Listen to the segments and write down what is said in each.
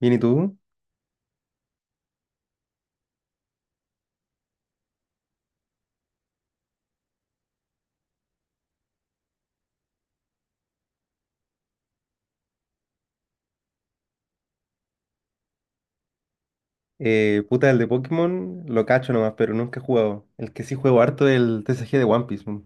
Bien, ¿y tú? Puta, el de Pokémon lo cacho nomás, pero nunca he jugado. El que sí juego harto es el TCG de One Piece, man.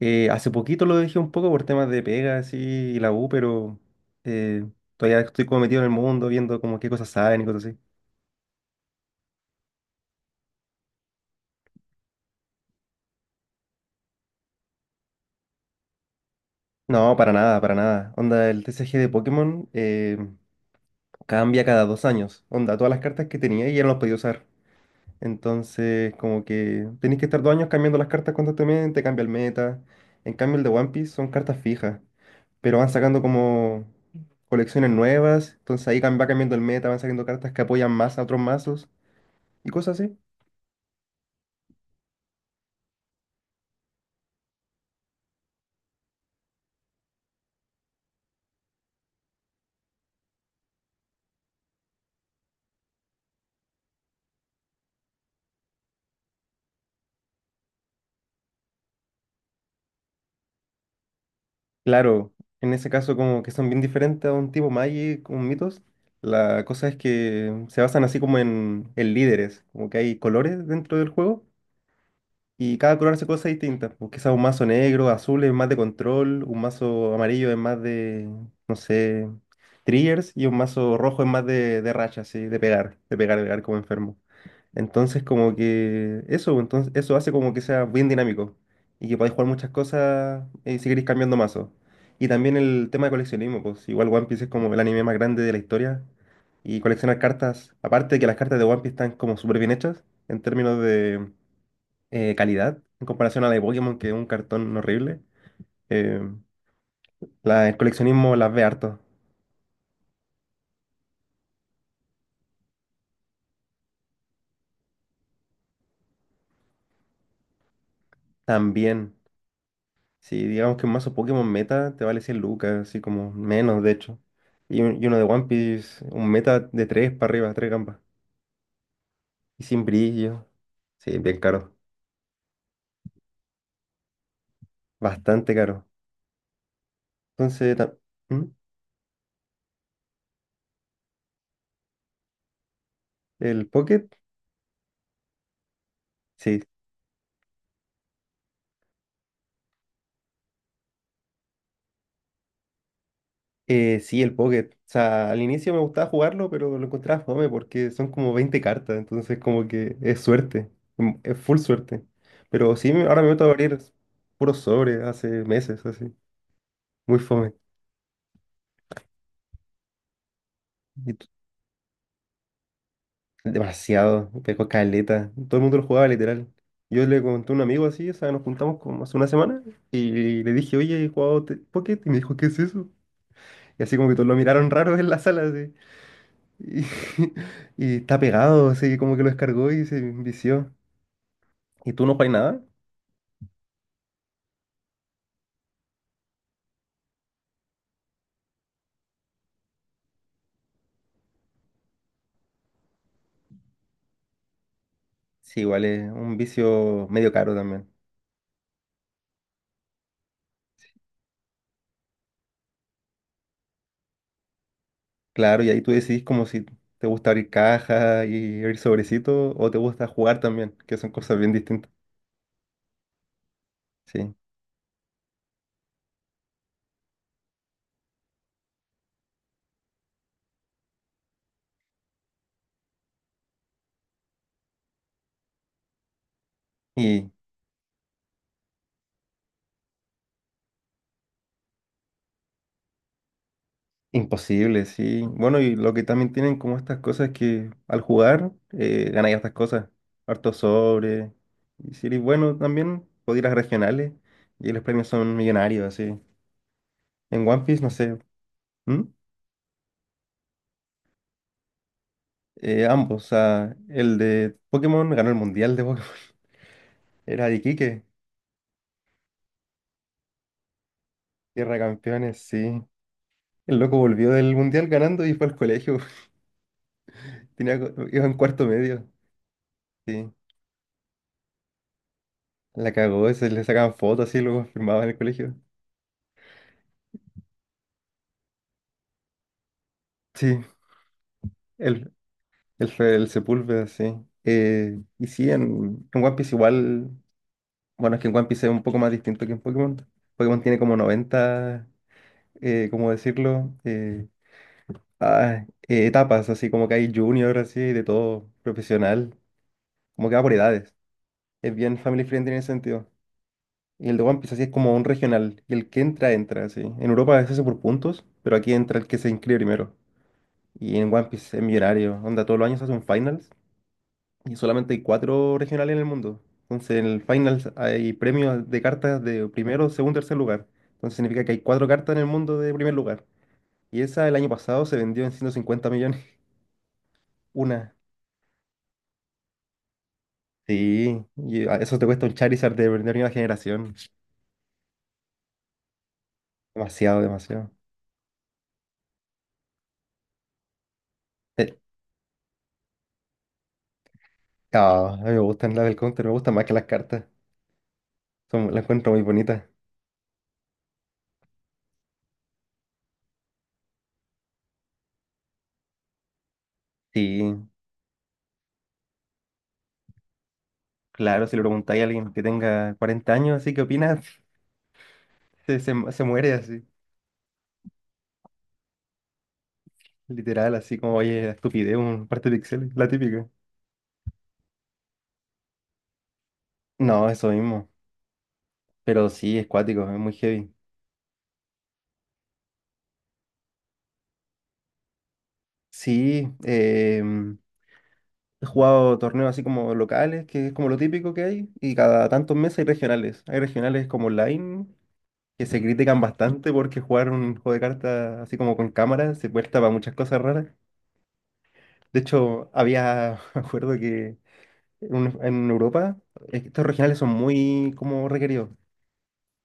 Hace poquito lo dejé un poco por temas de pega así, y la U, pero eh, todavía estoy como metido en el mundo, viendo como qué cosas saben y cosas así. No, para nada, para nada. Onda, el TCG de Pokémon cambia cada 2 años. Onda, todas las cartas que tenía ya no las podía usar. Entonces, como que tenéis que estar 2 años cambiando las cartas constantemente, cambia el meta. En cambio, el de One Piece son cartas fijas, pero van sacando como colecciones nuevas, entonces ahí va cambiando el meta, van saliendo cartas que apoyan más a otros mazos y cosas así. Claro, en ese caso como que son bien diferentes a un tipo Magic, un Mythos, la cosa es que se basan así como en, líderes, como que hay colores dentro del juego y cada color hace cosas distintas, pues quizás un mazo negro, azul es más de control, un mazo amarillo es más de, no sé, triggers y un mazo rojo es más de racha, así, de pegar, pegar como enfermo. Entonces, como que eso, entonces, eso hace como que sea bien dinámico y que podáis jugar muchas cosas si queréis cambiando mazos. Y también el tema de coleccionismo, pues igual One Piece es como el anime más grande de la historia y coleccionar cartas, aparte de que las cartas de One Piece están como súper bien hechas en términos de calidad, en comparación a la de Pokémon, que es un cartón horrible, eh, el coleccionismo las ve harto también. Sí, digamos que un mazo Pokémon meta te vale 100 lucas, así como menos, de hecho. Y uno de One Piece, un meta de 3 para arriba, 3 gambas. Y sin brillo. Sí, bien caro. Bastante caro. Entonces, ta- ¿Mm? ¿El Pocket? Sí. Sí, el Pocket. O sea, al inicio me gustaba jugarlo, pero lo encontraba fome porque son como 20 cartas. Entonces, como que es suerte. Es full suerte. Pero sí, ahora me meto a abrir puros sobres hace meses, así. Muy fome. Demasiado, pegó caleta. Todo el mundo lo jugaba literal. Yo le conté a un amigo así, o sea, nos juntamos como hace una semana y le dije, oye, he jugado Pocket y me dijo, ¿qué es eso? Y así como que todos lo miraron raro en la sala, así. Y, y está pegado, así como que lo descargó y se vició. ¿Y tú no juegas nada? Sí, igual es un vicio medio caro también. Claro, y ahí tú decidís como si te gusta abrir cajas y abrir sobrecitos o te gusta jugar también, que son cosas bien distintas. Sí. Y Imposible, sí. Bueno, y lo que también tienen como estas cosas que al jugar ganáis estas cosas. Harto sobre. Y si eres bueno también, podéis ir a regionales y los premios son millonarios, así. En One Piece, no sé. ¿Mm? Ambos, o sea, el de Pokémon ganó el mundial de Pokémon. Era de Iquique, Tierra de Campeones, sí. El loco volvió del mundial ganando y fue al colegio. Iba en cuarto medio, sí. La cagó, se le sacaban fotos así, luego firmaban en el colegio. Sí. El, el Sepúlveda, sí. Y sí, en, One Piece igual, bueno, es que en One Piece es un poco más distinto que en Pokémon. Pokémon tiene como 90 ¿cómo decirlo? Etapas, así como que hay junior, así, de todo, profesional, como que va por edades. Es bien family friendly en ese sentido. Y el de One Piece así es como un regional, y el que entra, entra, así. En Europa es eso por puntos, pero aquí entra el que se inscribe primero. Y en One Piece es millonario, onda todos los años hace un finals. Y solamente hay cuatro regionales en el mundo. Entonces, en el final hay premios de cartas de primero, segundo, tercer lugar. Entonces, significa que hay cuatro cartas en el mundo de primer lugar. Y esa el año pasado se vendió en 150 millones. Una. Sí, y eso te cuesta un Charizard de primera generación. Demasiado, demasiado. Eh, a mí me gustan las del counter, me gustan más que las cartas. Son, las encuentro muy bonitas. Sí, claro, si le preguntáis a alguien que tenga 40 años, así qué opina, se muere así. Literal, así como, oye, estupidez, un parte de pixeles, la típica. No, eso mismo. Pero sí, es cuático, es muy heavy. Sí, he jugado torneos así como locales, que es como lo típico que hay, y cada tantos meses hay regionales. Hay regionales como online, que se critican bastante porque jugar un juego de cartas así como con cámara se presta para muchas cosas raras. De hecho, había, me acuerdo que en Europa, estos regionales son muy como requeridos.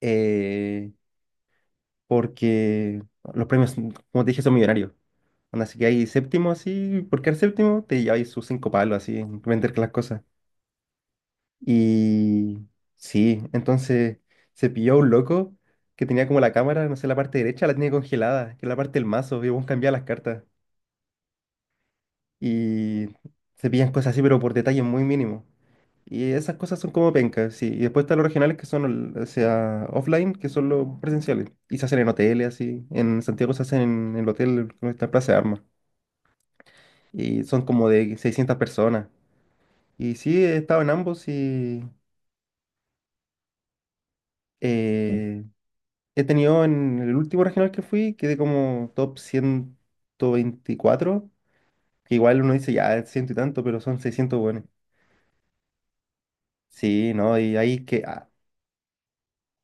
Eh, porque los premios, como te dije, son millonarios. Onda, así que hay séptimo así, por quedar séptimo te lleváis sus cinco palos así, en vender las cosas. Y sí, entonces se pilló un loco que tenía como la cámara, no sé, la parte derecha la tenía congelada, que es la parte del mazo, y vos cambiabas las cartas. Y se pillan cosas así, pero por detalles muy mínimos. Y esas cosas son como pencas, sí. Y después están los regionales que son, o sea, offline, que son los presenciales. Y se hacen en hoteles, así. En Santiago se hacen el hotel que está Plaza de Armas. Y son como de 600 personas. Y sí, he estado en ambos y eh, he tenido en el último regional que fui, quedé como top 124. Que igual uno dice, ya, ciento y tanto, pero son 600 buenos. Sí, ¿no? Y ahí que...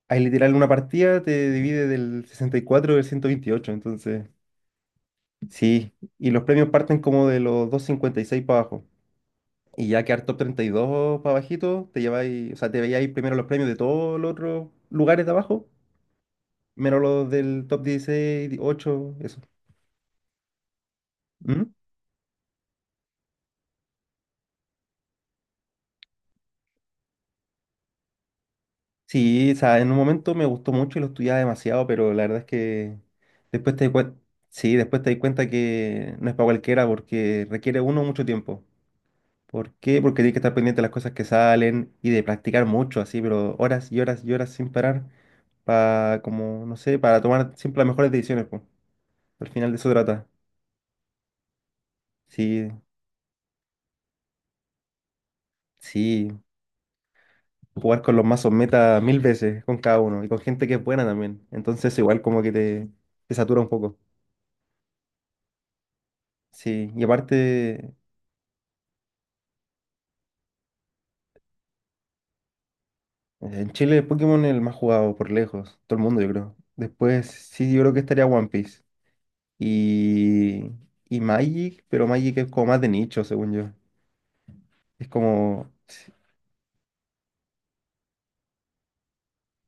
Ahí literal una partida te divide del 64 del 128, entonces... Sí, y los premios parten como de los 256 para abajo. Y ya quedar top 32 para abajito, te lleváis, o sea, te veíais primero los premios de todos los otros lugares de abajo, menos los del top 16, 8, eso. ¿Mm? Sí, o sea, en un momento me gustó mucho y lo estudiaba demasiado, pero la verdad es que después te di cuenta, sí, después te di cuenta que no es para cualquiera porque requiere uno mucho tiempo. ¿Por qué? Porque tienes que estar pendiente de las cosas que salen y de practicar mucho, así, pero horas y horas y horas sin parar, para, como, no sé, para tomar siempre las mejores decisiones, pues. Al final de eso trata. Sí, sí, jugar con los mazos meta 1000 veces, con cada uno, y con gente que es buena también. Entonces, igual como que te, satura un poco. Sí, y aparte, en Chile Pokémon es el más jugado por lejos, todo el mundo, yo creo. Después, sí, yo creo que estaría One Piece. Y, y Magic, pero Magic es como más de nicho, según yo. Es como, sí,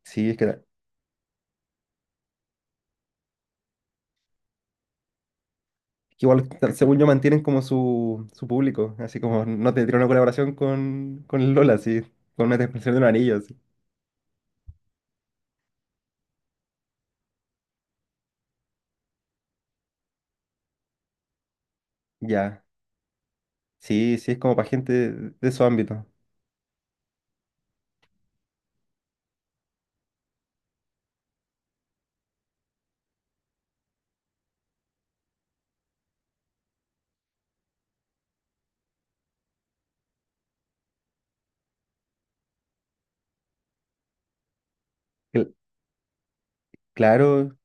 sí, es que igual, según yo, mantienen como su, público. Así como no tendría una colaboración con, el Lola, así, con una expresión de un anillo, así. Ya, sí, sí, es como para gente de, su ámbito. Cl- claro,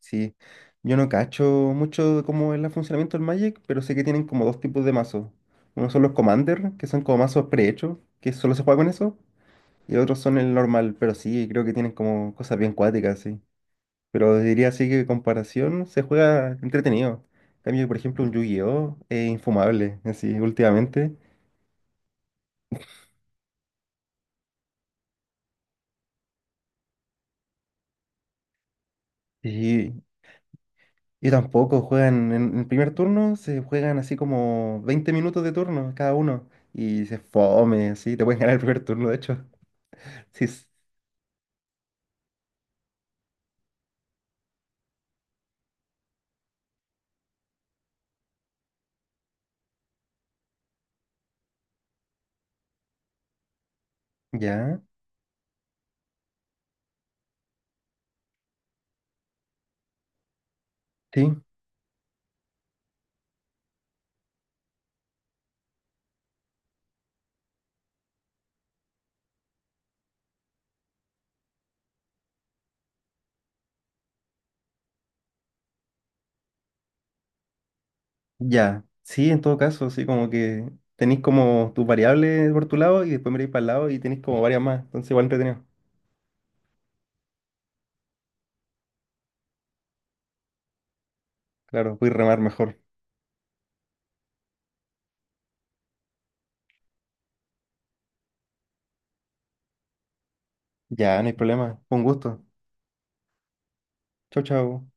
sí. Yo no cacho mucho cómo es el funcionamiento del Magic, pero sé que tienen como dos tipos de mazos. Uno son los Commander, que son como mazos prehechos, que solo se juega con eso. Y otros son el normal, pero sí, creo que tienen como cosas bien cuáticas, sí. Pero diría así que comparación se juega entretenido. En cambio, por ejemplo, un Yu-Gi-Oh! Es infumable, así, últimamente. Y, y tampoco juegan en el primer turno, se juegan así como 20 minutos de turno cada uno. Y se fome, así, te pueden ganar el primer turno, de hecho. Sí, ya, sí, ya. Sí, en todo caso, así como que tenéis como tus variables por tu lado y después miráis para el lado y tenéis como varias más. Entonces, igual entretenido. Claro, voy a remar mejor. Ya, no hay problema. Con gusto. Chau, chau.